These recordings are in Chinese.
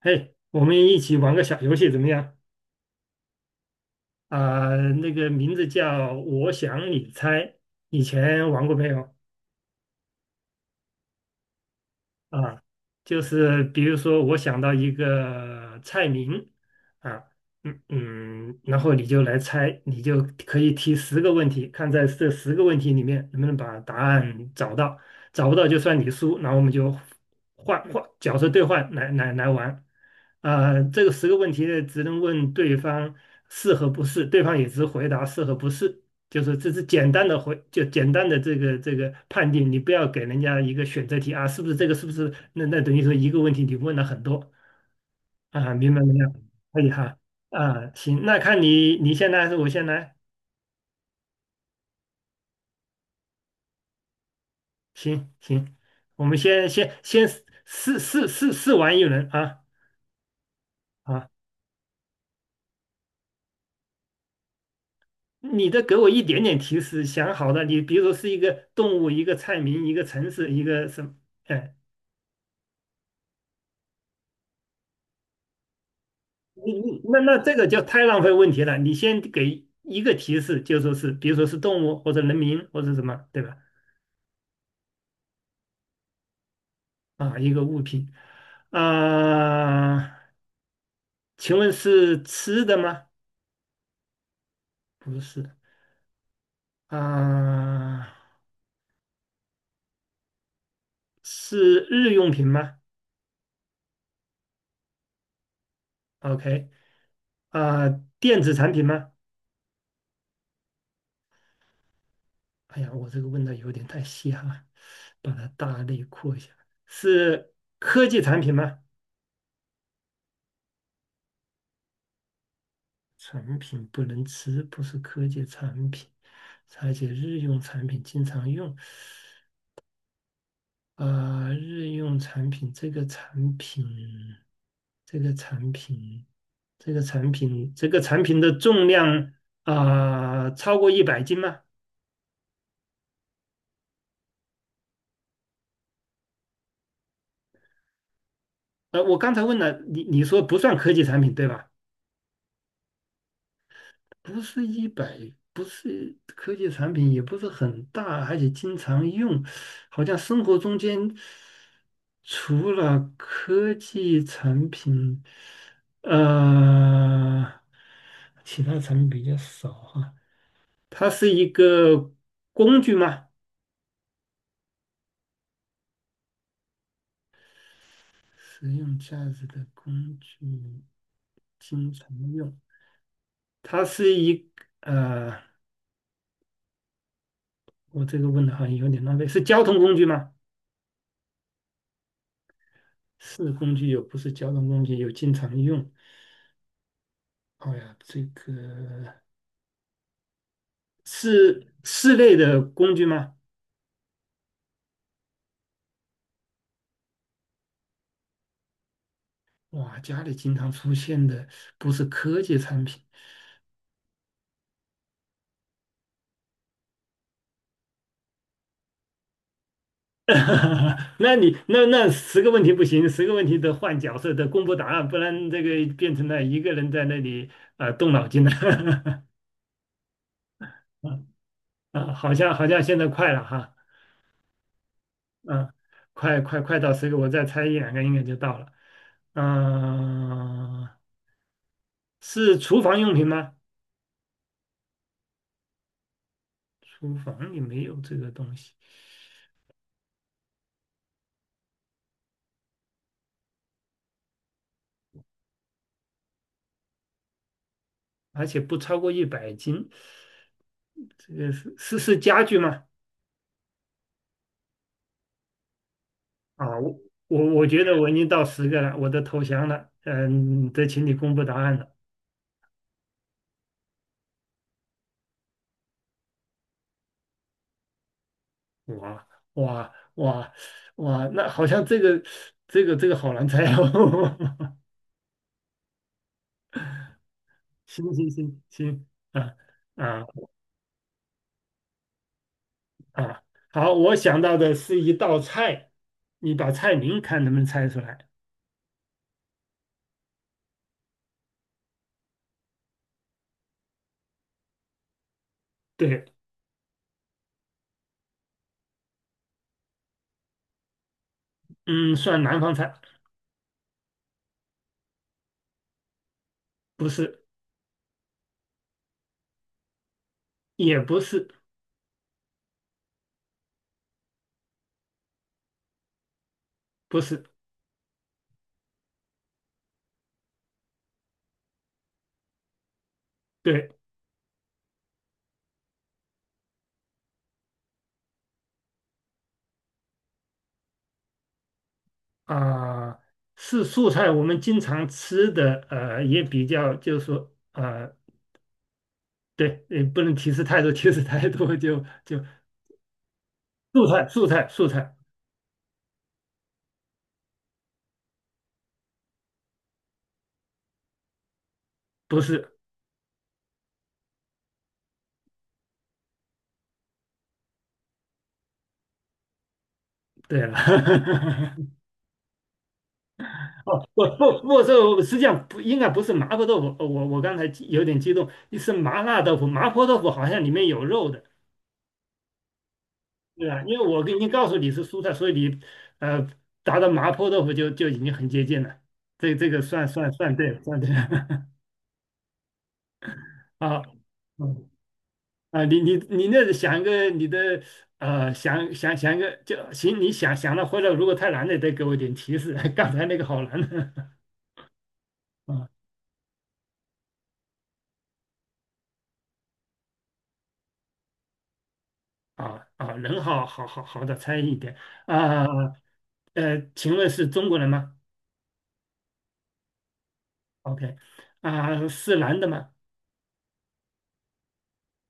嘿，我们一起玩个小游戏怎么样？啊、那个名字叫"我想你猜"，以前玩过没有？啊，就是比如说，我想到一个菜名啊，然后你就来猜，你就可以提十个问题，看在这十个问题里面能不能把答案找到，找不到就算你输，然后我们就换换角色兑换来来来玩。这个十个问题呢，只能问对方是和不是，对方也只回答是和不是。就是这是简单的回，就简单的这个判定，你不要给人家一个选择题啊，是不是这个，是不是那等于说一个问题你问了很多啊，明白没有？可以哈行，那看你先来还是我先来？行行，我们先试试玩一轮啊啊，你的给我一点点提示，想好的，你比如说是一个动物，一个菜名，一个城市，一个什么，哎那这个就太浪费问题了。你先给一个提示，就说是，比如说是动物或者人名或者什么，对吧？一个物品。啊、请问是吃的吗？不是。啊、是日用品吗？OK。啊、电子产品吗？哎呀，我这个问的有点太细哈，把它大类扩一下。是科技产品吗？产品不能吃，不是科技产品，而且日用产品经常用。日用产品这个产品，这个产品的重量超过一百斤吗？我刚才问了你，你说不算科技产品对吧？不是一百，不是科技产品，也不是很大，而且经常用，好像生活中间。除了科技产品，呃，其他产品比较少哈。它是一个工具吗？实用价值的工具，经常用。它是一呃，我这个问的好像有点浪费。是交通工具吗？是工具，有不是交通工具，有经常用。哦呀，这个是室内的工具吗？哇，家里经常出现的不是科技产品，那你那那10个问题不行，十个问题得换角色，得公布答案，不然这个变成了一个人在那里动脑筋了。好像现在快了哈，嗯、快到十个，我再猜一两个应该就到了。嗯、是厨房用品吗？厨房里没有这个东西，而且不超过一百斤。这个是家具吗？啊，我我觉得我已经到十个了，我都投降了。嗯，得请你公布答案了。哇哇哇哇，那好像这个好难猜哦。行行行行，啊啊啊，好，我想到的是一道菜，你把菜名看能不能猜出来？对，嗯，算南方菜，不是，也不是，不是，对啊。是素菜，我们经常吃的，也比较就是说，对，也不能提示太多，提示太多就素菜，素菜，素菜，不是。对了，哦，不不不是，这实际上不应该不是麻婆豆腐，我刚才有点激动，是麻辣豆腐，麻婆豆腐好像里面有肉的，对吧？因为我已经告诉你是蔬菜，所以你呃答到麻婆豆腐就就已经很接近了，这个算对了，算对了，啊，嗯。你那想一个你的想一个就行，你想想了，或者如果太难了，再给我点提示。刚才那个好难的 啊人好好的猜一点啊请问是中国人吗？OK 是男的吗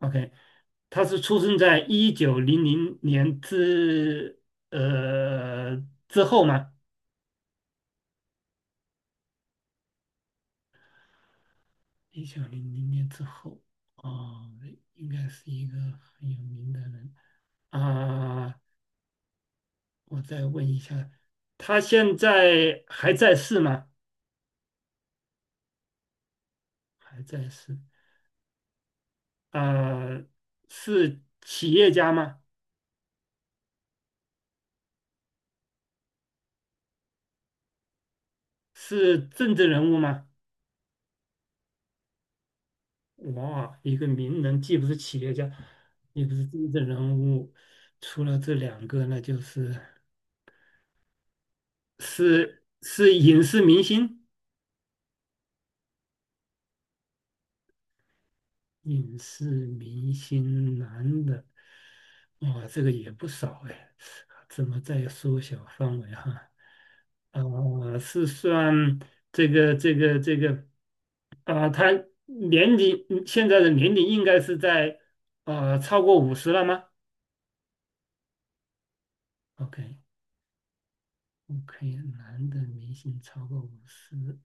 ？OK，他是出生在一九零零年呃之后吗？一九零零年之后，啊，应该是一个很有名的人。啊、我再问一下，他现在还在世吗？还在世。啊？是企业家吗？是政治人物吗？哇，一个名人既不是企业家，也不是政治人物，除了这两个，那就是影视明星。影视明星男的，哇，这个也不少哎，怎么再缩小范围哈？啊、是算这个这个这个，啊、他年龄现在的年龄应该是在超过五十了吗？OK OK，男的明星超过五十，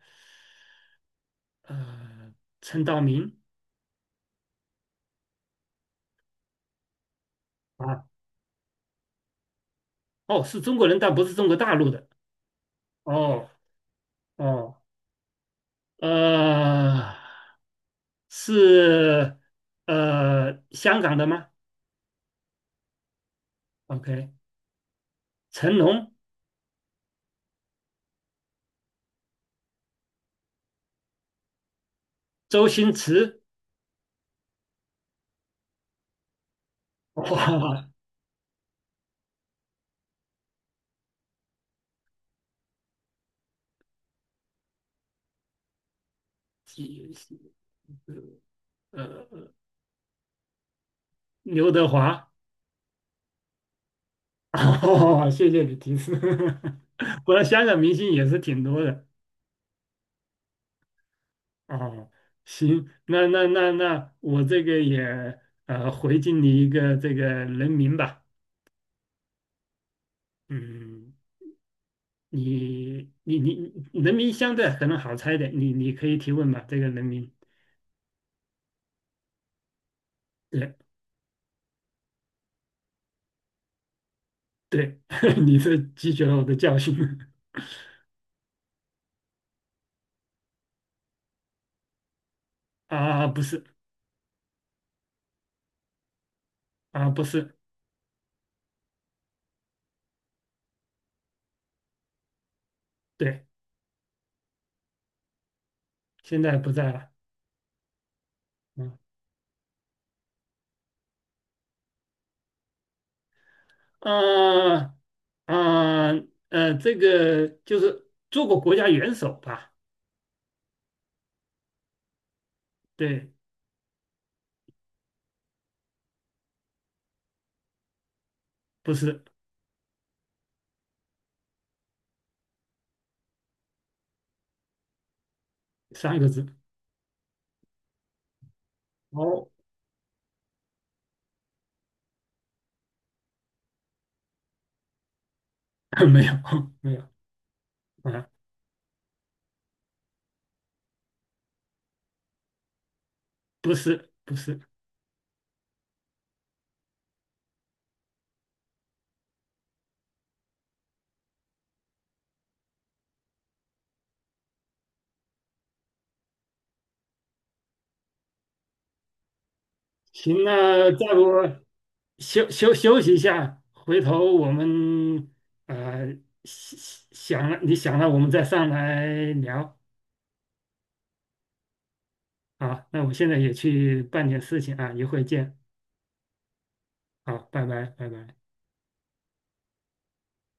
呃，陈道明啊，哦，是中国人，但不是中国大陆的，哦哦，呃。是香港的吗？OK，成龙、周星驰，哇，几呃刘德华，哦，谢谢你提示，我香港明星也是挺多的哦。行，那我这个也回敬你一个这个人名吧，嗯，你人名相对可能好猜一点，你可以提问吧，这个人名。对。对，你是汲取了我的教训 不是啊，不是，对，现在不在了，嗯，啊啊这个就是做过国家元首吧？对，不是3个字，哦，没有没有啊，不是不是，行，那再不休息一下，回头我们啊、呃想想了，你想了，我们再上来聊。好，那我现在也去办点事情啊，一会儿见。好，拜拜，拜拜。